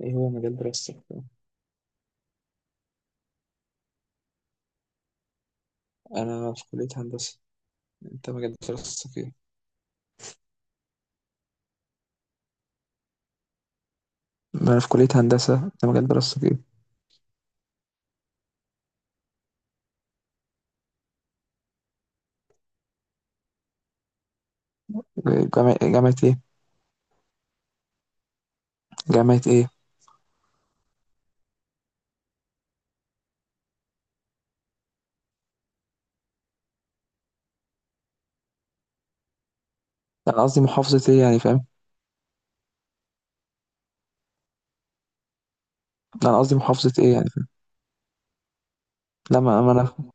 ايه هو مجال دراستك؟ انا في كلية هندسة. انت مجال دراستك ايه؟ انا في كلية هندسة، انت مجال دراستك ايه؟ جامعة ايه؟ جامعة ايه؟ لا، انا قصدي محافظة ايه يعني فاهم؟ لا، انا قصدي محافظة ايه يعني فاهم؟ لا، ما انا.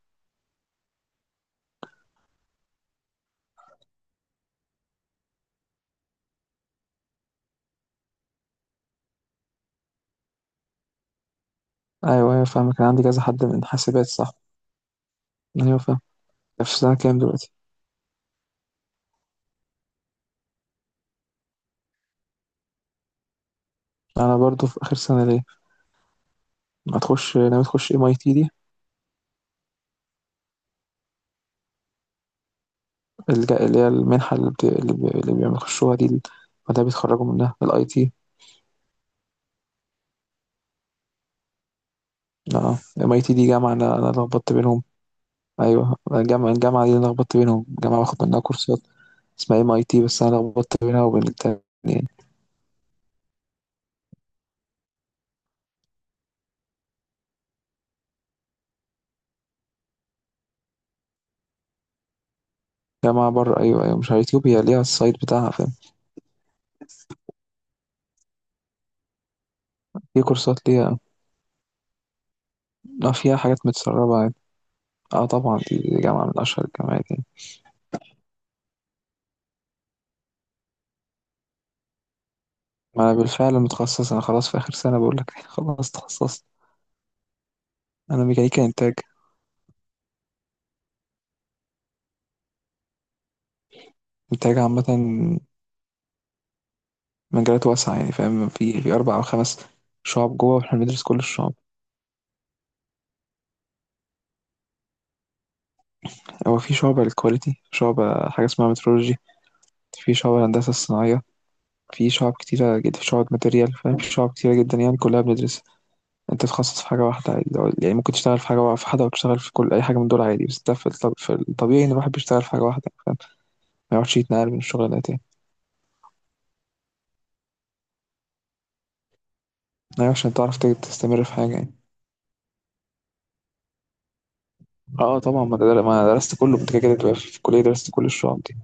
ايوه، ايوه، فاهمك، كان عندي كذا حد من حاسبات، صح؟ ايوه، فاهم. في سنة كام دلوقتي؟ انا برضو في اخر سنة ليا. هتخش، ناوي تخش ام اي تي دي؟ اللي هي المنحة اللي بيخشوها دي ال-. وده بيتخرجوا منها الاي تي. اه، ام اي تي دي جامعة. انا لخبطت بينهم. ايوه، الجامعه دي أنا لخبطت بينهم. جامعه باخد منها كورسات اسمها ام اي تي، بس انا لخبطت بينها وبين التانية يعني. جامعه بره، ايوه ايوه، مش على اليوتيوب، هي ليها السايت بتاعها فاهم. في كورسات ليها. اه، فيها حاجات متسربه عادي. اه طبعا، دي جامعه من اشهر الجامعات يعني. ما انا بالفعل متخصص، انا خلاص في اخر سنه بقول لك، خلاص اتخصصت. انا ميكانيكا انتاج. انتاج عامه. مجالات واسعه يعني فاهم، في اربع او خمس شعب جوه، واحنا بندرس كل الشعب. هو في شعبة للكواليتي، شعبة حاجة اسمها مترولوجي، في شعبة الهندسة الصناعية، في شعب كتيرة جدا، في شعب ماتيريال فاهم، في شعب كتيرة جدا يعني كلها بندرسها. انت تتخصص في حاجة واحدة عادي، يعني ممكن تشتغل في حاجة في حاجة وتشتغل في كل أي حاجة من دول عادي، بس ده في في الطبيعي إن الواحد بيشتغل في حاجة واحدة فاهم. ما يقعدش يتنقل من الشغلانة تاني. أيوة عشان تعرف تستمر في حاجة يعني. اه طبعا، ما أنا درست كله، انت كده كده تبقى في الكلية درست كل الشعب دي.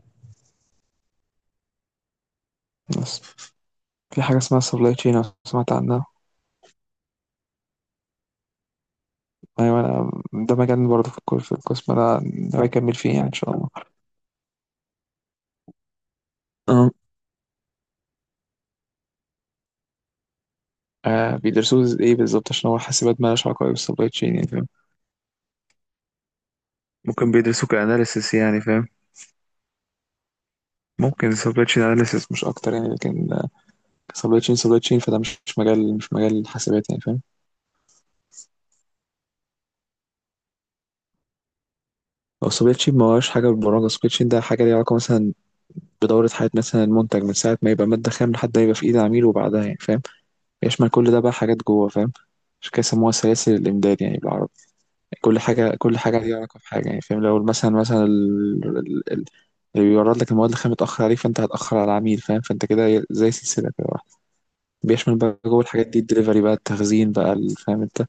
بس في حاجة اسمها سبلاي تشين، لو سمعت عنها. أيوة أنا ده مجال برضه في القسم، أنا ناوي أكمل فيه يعني إن شاء الله. آه، بيدرسوه إيه بالظبط؟ عشان هو حاسبات مالهاش علاقة أوي بالسبلاي تشين يعني. ممكن بيدرسوا كأناليسيس يعني فاهم. ممكن سبلاي تشين أناليسيس مش أكتر يعني، لكن سبلاي تشين فده مش مجال حاسبات يعني فاهم. أو سبلاي تشين ما هوش حاجة بالبرمجة، سبلاي تشين ده حاجة ليها علاقة مثلا بدورة حياة مثلا المنتج من ساعة ما يبقى مادة خام لحد ما يبقى في إيد العميل وبعدها يعني فاهم. يشمل كل ده بقى حاجات جوه فاهم. عشان كده سموها سلاسل الإمداد يعني بالعربي. كل حاجة، كل حاجة ليها علاقة بحاجة يعني فاهم. لو مثلا اللي بيورد لك المواد الخام متأخر عليك، فأنت هتأخر على العميل فاهم، فأنت كده زي سلسلة كده. بيشمل بقى جوه الحاجات دي الدليفري بقى، التخزين بقى، فاهم انت،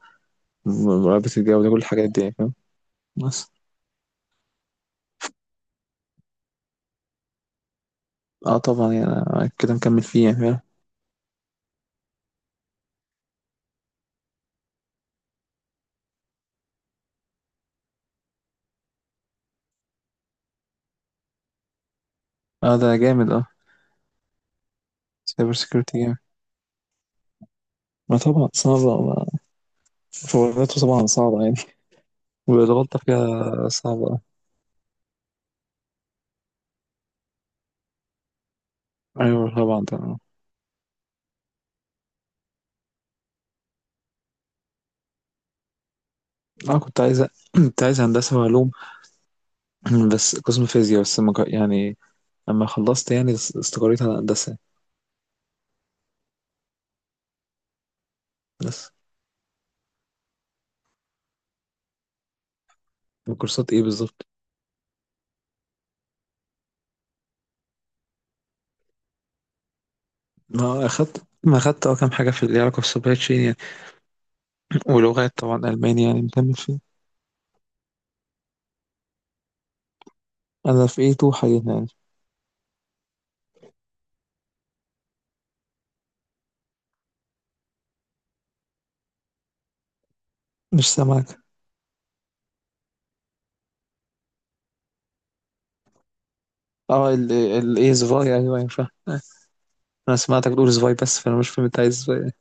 مراقبة الجودة كل الحاجات دي يعني فاهم. بس. اه طبعا يعني أنا كده مكمل فيه يعني فاهم. اه ده جامد اه. سايبر سيكيورتي جامد. ما طبعا صعبة فورماته طبعا صعبة يعني. والغلطة فيها صعبة اه. أيوة طبعا طبعا. اه كنت عايز هندسة وعلوم. بس قسم فيزياء، بس ما جا- يعني لما خلصت يعني استقريت على هندسة. بس كورسات ايه بالظبط؟ ما اخدت كام حاجة في اللي علاقة بالسبلاي تشين يعني. ولغات طبعا ألماني يعني مكمل فيه. أنا في A2 حاليا يعني. مش سامعك. اه، ال ايه زفاي، ايوه ينفع. انا سمعتك بتقول زفاي، بس فانا مش فاهم انت عايز زفاي.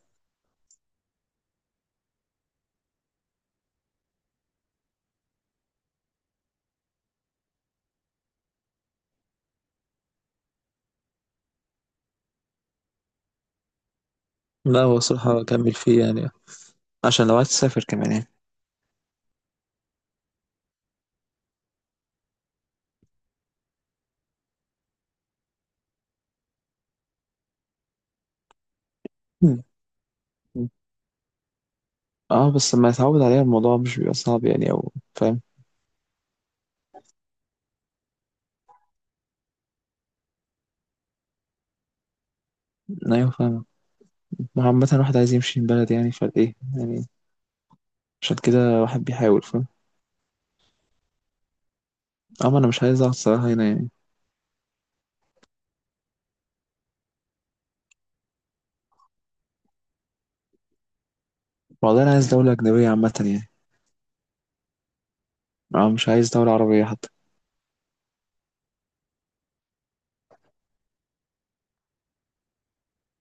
لا هو صراحة اكمل فيه يعني، عشان لو عايز تسافر كمان يعني. مم. اه، بس لما يتعود عليها الموضوع مش بيبقى صعب يعني، او فاهم. ايوه فاهم. ما هو عامة الواحد عايز يمشي من بلد يعني فايه يعني، عشان كده الواحد بيحاول فاهم. اه ما انا مش عايز اقعد صراحة هنا يعني. والله انا عايز دولة أجنبية عامة يعني. اه، مش عايز دولة عربية حتى.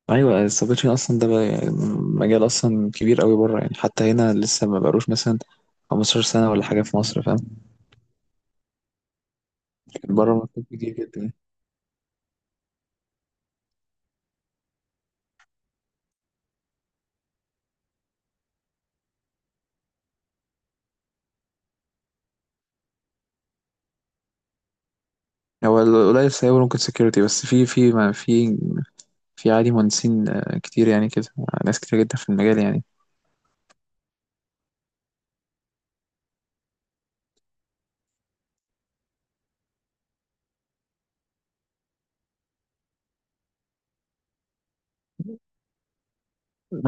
ايوه السبلاي تشين اصلا ده بقى-، مجال اصلا كبير قوي بره يعني، حتى هنا لسه ما بقالوش مثلا 15 سنه ولا حاجه في مصر فاهم. بره مطلوب كتير جدا يعني. هو القليل سايبر ممكن سكيورتي، بس في ما في، في عادي مهندسين كتير يعني كده. ناس كتير جدا في المجال يعني.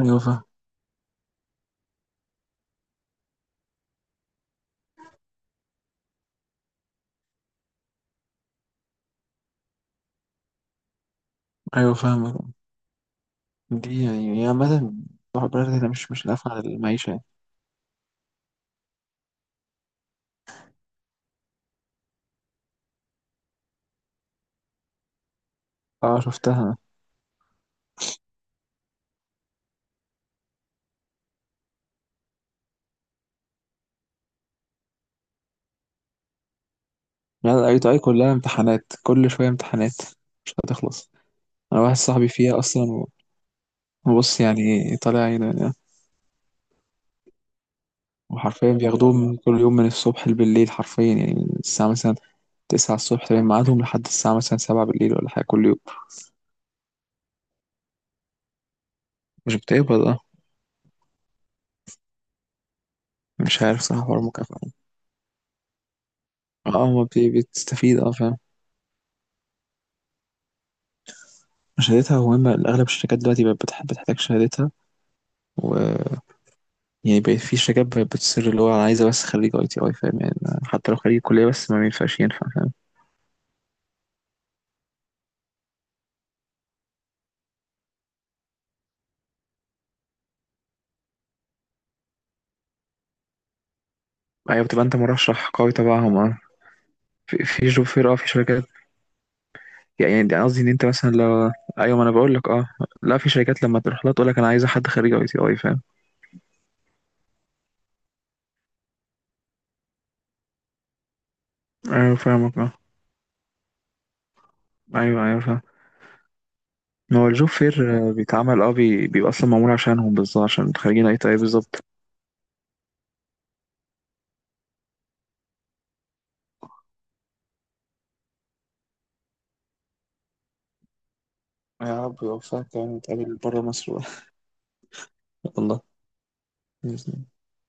ايوه فاهم. ايوه فاهم. دي يعني هي عامه. صاحب البلد ده مش نافعه للمعيشه يعني. اه شفتها. يعني الاي تو اي كلها امتحانات، كل شويه امتحانات، مش هتخلص. انا واحد صاحبي فيها اصلا. بص يعني طالع. وحرفيا بياخدوهم كل يوم من الصبح لبالليل، حرفيا يعني، من الساعة مثلا تسعة الصبح تمام ميعادهم، لحد الساعة مثلا سبعة بالليل ولا حاجة، كل يوم. مش بتقبض اه. مش عارف صح حوار المكافأة. اه ما بت- بتستفيد اه فاهم. شهادتها مهمة، أغلب الشركات دلوقتي بقت بتحتاج شهادتها، و يعني بقت في شركات بقت بتصر، اللي هو أنا عايزة بس خريج أي تي أي فاهم يعني. حتى لو خريج كلية بس ما ينفعش ينفع فاهم. أيوة بتبقى أنت مرشح قوي تبعهم اه. في جوب فير اه في شركات. يعني قصدي ان انت مثلا لو. ايوه ما انا بقول لك اه. لا في شركات لما تروح لها تقول لك انا عايزه حد خريج اي تي اي فاهم. ايوه فاهمك اه. ايوه ايوه فاهم. ما هو الجوب فير بيتعمل بيبقى اصلا معمول عشانهم بالظبط عشان خريجين اي تي اي بالظبط. يا رب يوفقك يعني نتقابل بره مصر بقى. والله. بإذن الله.